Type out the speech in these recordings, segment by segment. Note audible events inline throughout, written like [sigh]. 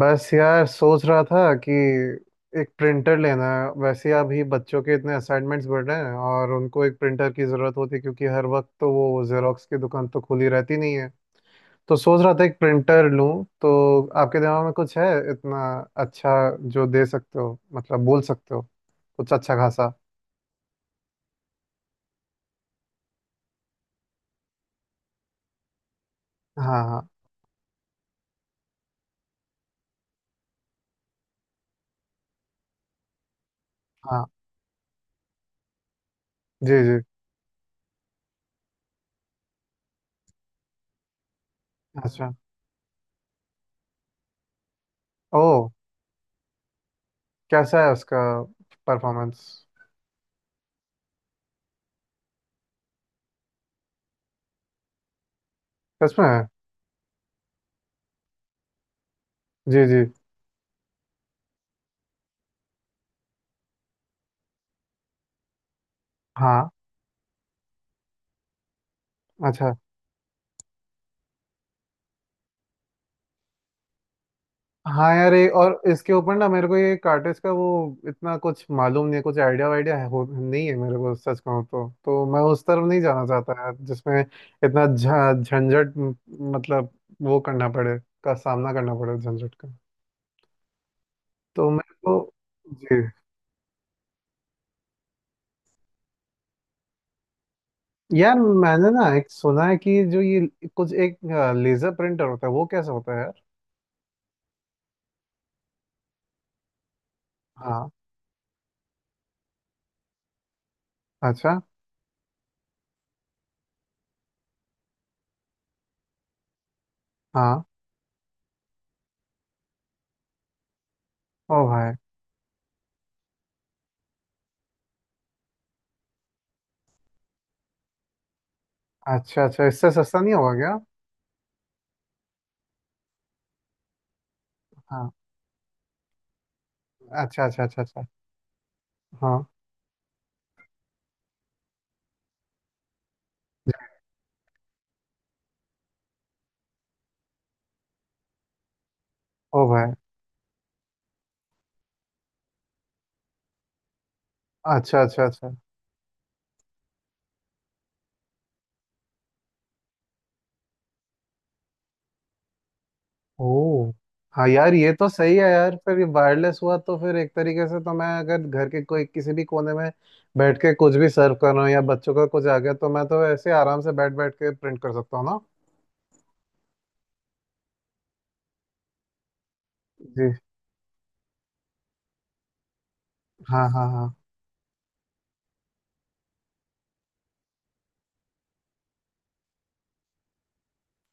बस यार, सोच रहा था कि एक प्रिंटर लेना है। वैसे अभी बच्चों के इतने असाइनमेंट्स बढ़ रहे हैं और उनको एक प्रिंटर की ज़रूरत होती है, क्योंकि हर वक्त तो वो जेरोक्स की दुकान तो खुली रहती नहीं है। तो सोच रहा था एक प्रिंटर लूं। तो आपके दिमाग में कुछ है? इतना अच्छा जो दे सकते हो, मतलब बोल सकते हो, कुछ अच्छा खासा। हाँ हाँ। हाँ जी जी। अच्छा। ओह, कैसा है उसका परफॉर्मेंस? सच में? जी जी। हाँ। अच्छा। हाँ यार, ये और इसके ऊपर ना मेरे को ये कार्टेज का वो इतना कुछ मालूम नहीं है। कुछ आइडिया वाइडिया है हो, नहीं है मेरे को, सच कहूँ तो मैं उस तरफ नहीं जाना चाहता यार, जिसमें इतना झंझट मतलब वो करना पड़े, का सामना करना पड़े, झंझट का। तो मेरे को। जी। यार, मैंने ना एक सुना है कि जो ये कुछ एक लेजर प्रिंटर होता है वो कैसा होता है यार? हाँ। अच्छा। हाँ। ओ भाई। अच्छा अच्छा, इससे सस्ता नहीं होगा क्या? हाँ। अच्छा अच्छा अच्छा अच्छा। हाँ। ओ भाई। अच्छा अच्छा अच्छा। ओ। हाँ यार, ये तो सही है यार। फिर ये वायरलेस हुआ तो फिर एक तरीके से तो मैं अगर घर के कोई किसी भी कोने में बैठ के कुछ भी सर्व कर रहा हूँ या बच्चों का कुछ आ गया तो मैं तो ऐसे आराम से बैठ बैठ के प्रिंट कर सकता हूँ ना। जी। हाँ हाँ हाँ।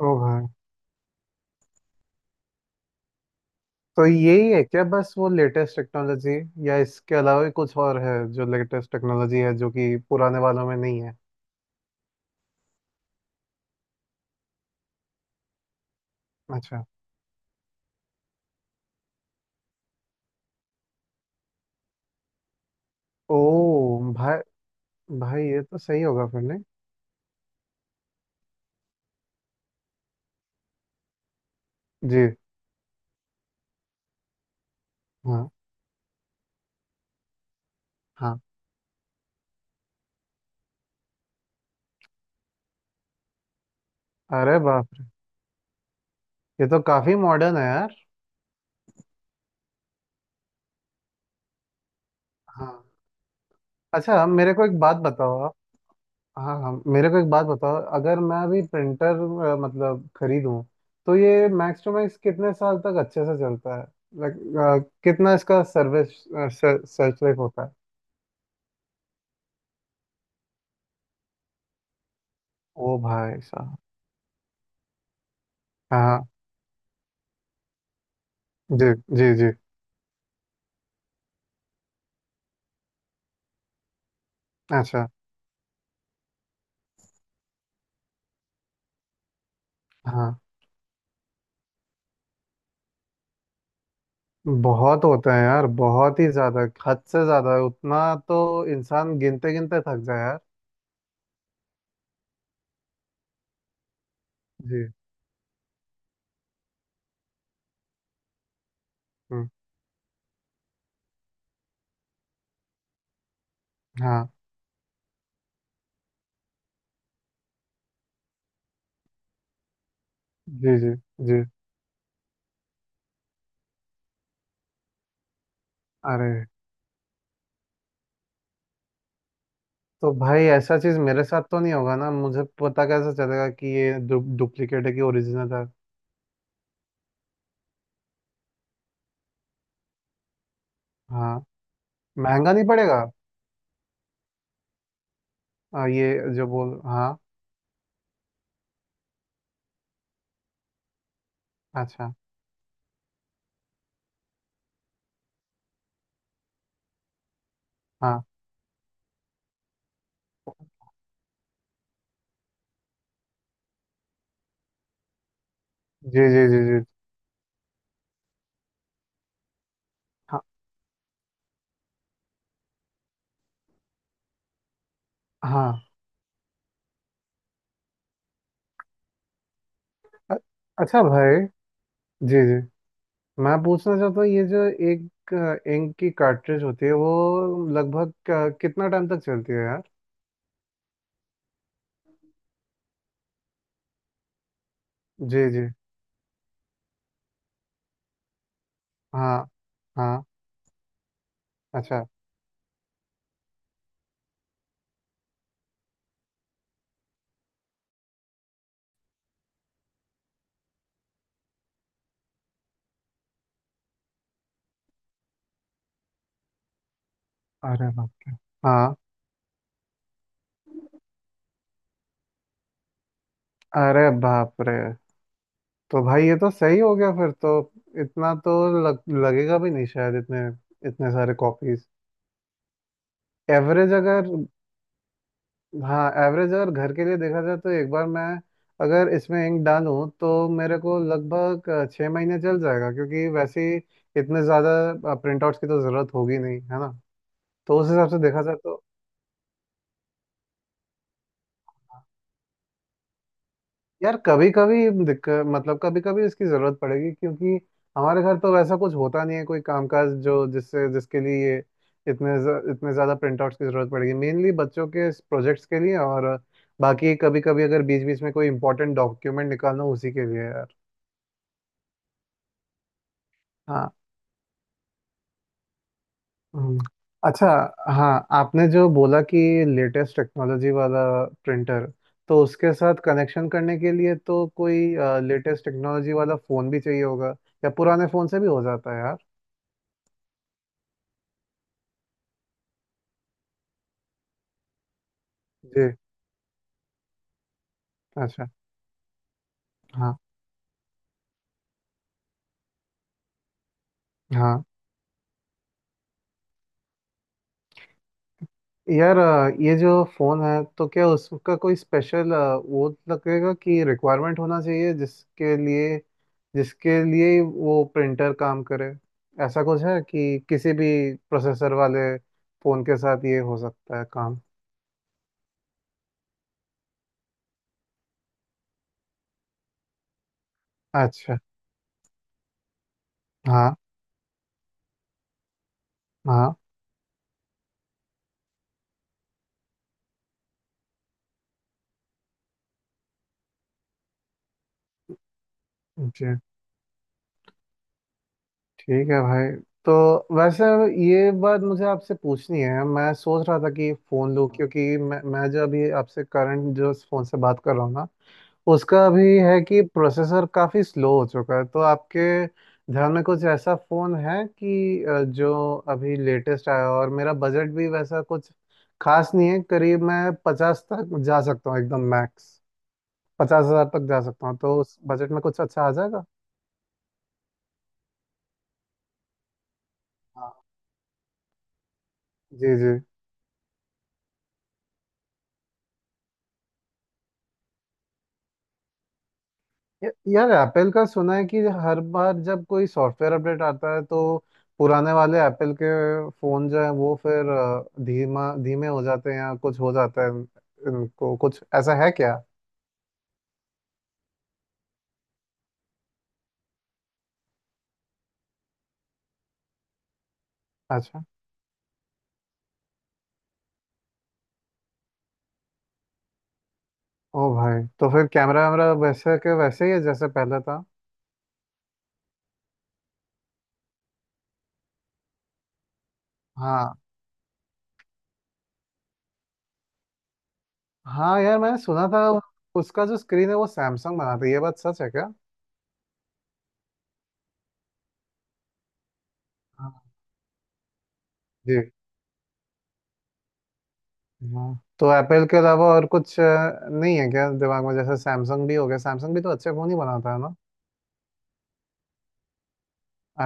ओ भाई। तो यही है क्या बस वो लेटेस्ट टेक्नोलॉजी, या इसके अलावा भी कुछ और है जो लेटेस्ट टेक्नोलॉजी है जो कि पुराने वालों में नहीं है? अच्छा। ओ भाई। भाई, ये तो सही होगा फिर नहीं? जी। हाँ हाँ। अरे वाह! ये तो काफी मॉडर्न है यार। हाँ। अच्छा, मेरे को एक बात बताओ आप। हाँ हाँ, मेरे को एक बात बताओ, अगर मैं अभी प्रिंटर मतलब खरीदूं तो ये मैक्स टू मैक्स कितने साल तक अच्छे से चलता है? लाइक कितना इसका सर्विस, सर्च लाइफ होता है? ओ भाई साहब। हाँ। जी जी जी। अच्छा। हाँ। बहुत होता है यार, बहुत ही ज्यादा। हद से ज्यादा उतना। तो इंसान गिनते गिनते थक जाए यार। जी। हम्म, हाँ। जी जी जी। अरे। तो भाई, ऐसा चीज मेरे साथ तो नहीं होगा ना? मुझे पता कैसे चलेगा कि ये डु, डुप्लीकेट है कि ओरिजिनल है? हाँ। महंगा नहीं पड़ेगा? ये जो बोल, हाँ। अच्छा। हाँ। जी जी जी जी। हाँ हाँ। अ- अच्छा भाई। जी जी। मैं पूछना चाहता हूँ ये जो एक इंक की कार्ट्रिज होती है वो लगभग कितना टाइम तक चलती है यार? जी जी। हाँ। हाँ। अच्छा। अरे बाप रे! हाँ। अरे बाप रे! तो भाई, ये तो सही हो गया फिर तो। इतना तो लगेगा भी नहीं शायद, इतने इतने सारे कॉपीज। एवरेज अगर, हाँ एवरेज अगर घर के लिए देखा जाए तो एक बार मैं अगर इसमें इंक डालूं तो मेरे को लगभग 6 महीने चल जाएगा, क्योंकि वैसे ही इतने ज़्यादा प्रिंटआउट्स की तो ज़रूरत होगी नहीं है ना। तो उस हिसाब से देखा जाए तो यार, कभी कभी दिक्कत, मतलब कभी कभी इसकी जरूरत पड़ेगी, क्योंकि हमारे घर तो वैसा कुछ होता नहीं है, कोई कामकाज जो जिससे जिसके लिए ये इतने इतने ज्यादा प्रिंटआउट्स की जरूरत पड़ेगी, मेनली बच्चों के प्रोजेक्ट्स के लिए, और बाकी कभी कभी अगर बीच बीच में कोई इंपॉर्टेंट डॉक्यूमेंट निकालना हो, उसी के लिए यार। हाँ। हम्म, अच्छा। हाँ, आपने जो बोला कि लेटेस्ट टेक्नोलॉजी वाला प्रिंटर, तो उसके साथ कनेक्शन करने के लिए तो कोई लेटेस्ट टेक्नोलॉजी वाला फ़ोन भी चाहिए होगा, या पुराने फ़ोन से भी हो जाता है यार? जी। अच्छा। हाँ। हाँ यार, ये जो फ़ोन है तो क्या उसका कोई स्पेशल वो लगेगा कि रिक्वायरमेंट होना चाहिए जिसके लिए, जिसके लिए ही वो प्रिंटर काम करे? ऐसा कुछ है कि किसी भी प्रोसेसर वाले फोन के साथ ये हो सकता है काम? अच्छा। हाँ। हाँ। जी। ठीक है भाई। तो वैसे, ये बात मुझे आपसे पूछनी है। मैं सोच रहा था कि फ़ोन लूँ, क्योंकि मैं जो अभी आपसे करंट जो फ़ोन से बात कर रहा हूँ ना, उसका भी है कि प्रोसेसर काफ़ी स्लो हो चुका है। तो आपके ध्यान में कुछ ऐसा फ़ोन है कि जो अभी लेटेस्ट आया हो? और मेरा बजट भी वैसा कुछ खास नहीं है, करीब मैं पचास तक जा सकता हूँ एकदम मैक्स। 50,000 तक जा सकता हूँ, तो उस बजट में कुछ अच्छा आ जाएगा। हाँ। जी जी। यार एप्पल का सुना है कि हर बार जब कोई सॉफ्टवेयर अपडेट आता है तो पुराने वाले एप्पल के फोन जो है वो फिर धीमा धीमे हो जाते हैं या कुछ हो जाता है। इनको कुछ ऐसा है क्या? अच्छा। ओ भाई, तो फिर कैमरा वैमरा वैसे के वैसे ही है जैसे पहले था? हाँ। हाँ यार, मैंने सुना था, उसका जो स्क्रीन है वो सैमसंग बनाता है, ये बात सच है क्या? हाँ। जी। हाँ, तो एप्पल के अलावा और कुछ नहीं है क्या दिमाग में? जैसे सैमसंग भी हो गया, सैमसंग भी तो अच्छे फोन ही बनाता है ना?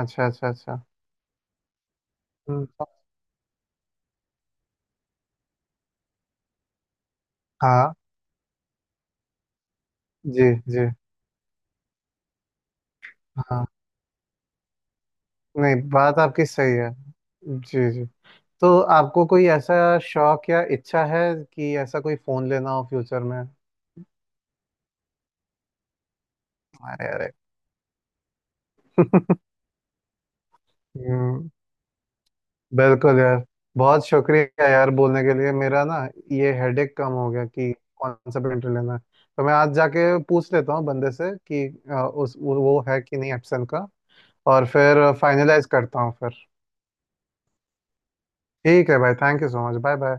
अच्छा अच्छा अच्छा। हम्म, हाँ। जी जी। हाँ, नहीं बात आपकी सही है। जी जी। तो आपको कोई ऐसा शौक या इच्छा है कि ऐसा कोई फोन लेना हो फ्यूचर में? अरे अरे। [laughs] हम्म। बिल्कुल यार। बहुत शुक्रिया यार बोलने के लिए, मेरा ना ये हेडेक कम हो गया कि कौन सा प्रिंटर लेना है। तो मैं आज जाके पूछ लेता हूँ बंदे से कि उस वो है कि नहीं एप्सन का, और फिर फाइनलाइज करता हूँ फिर। ठीक है भाई, thank you so much. Bye bye.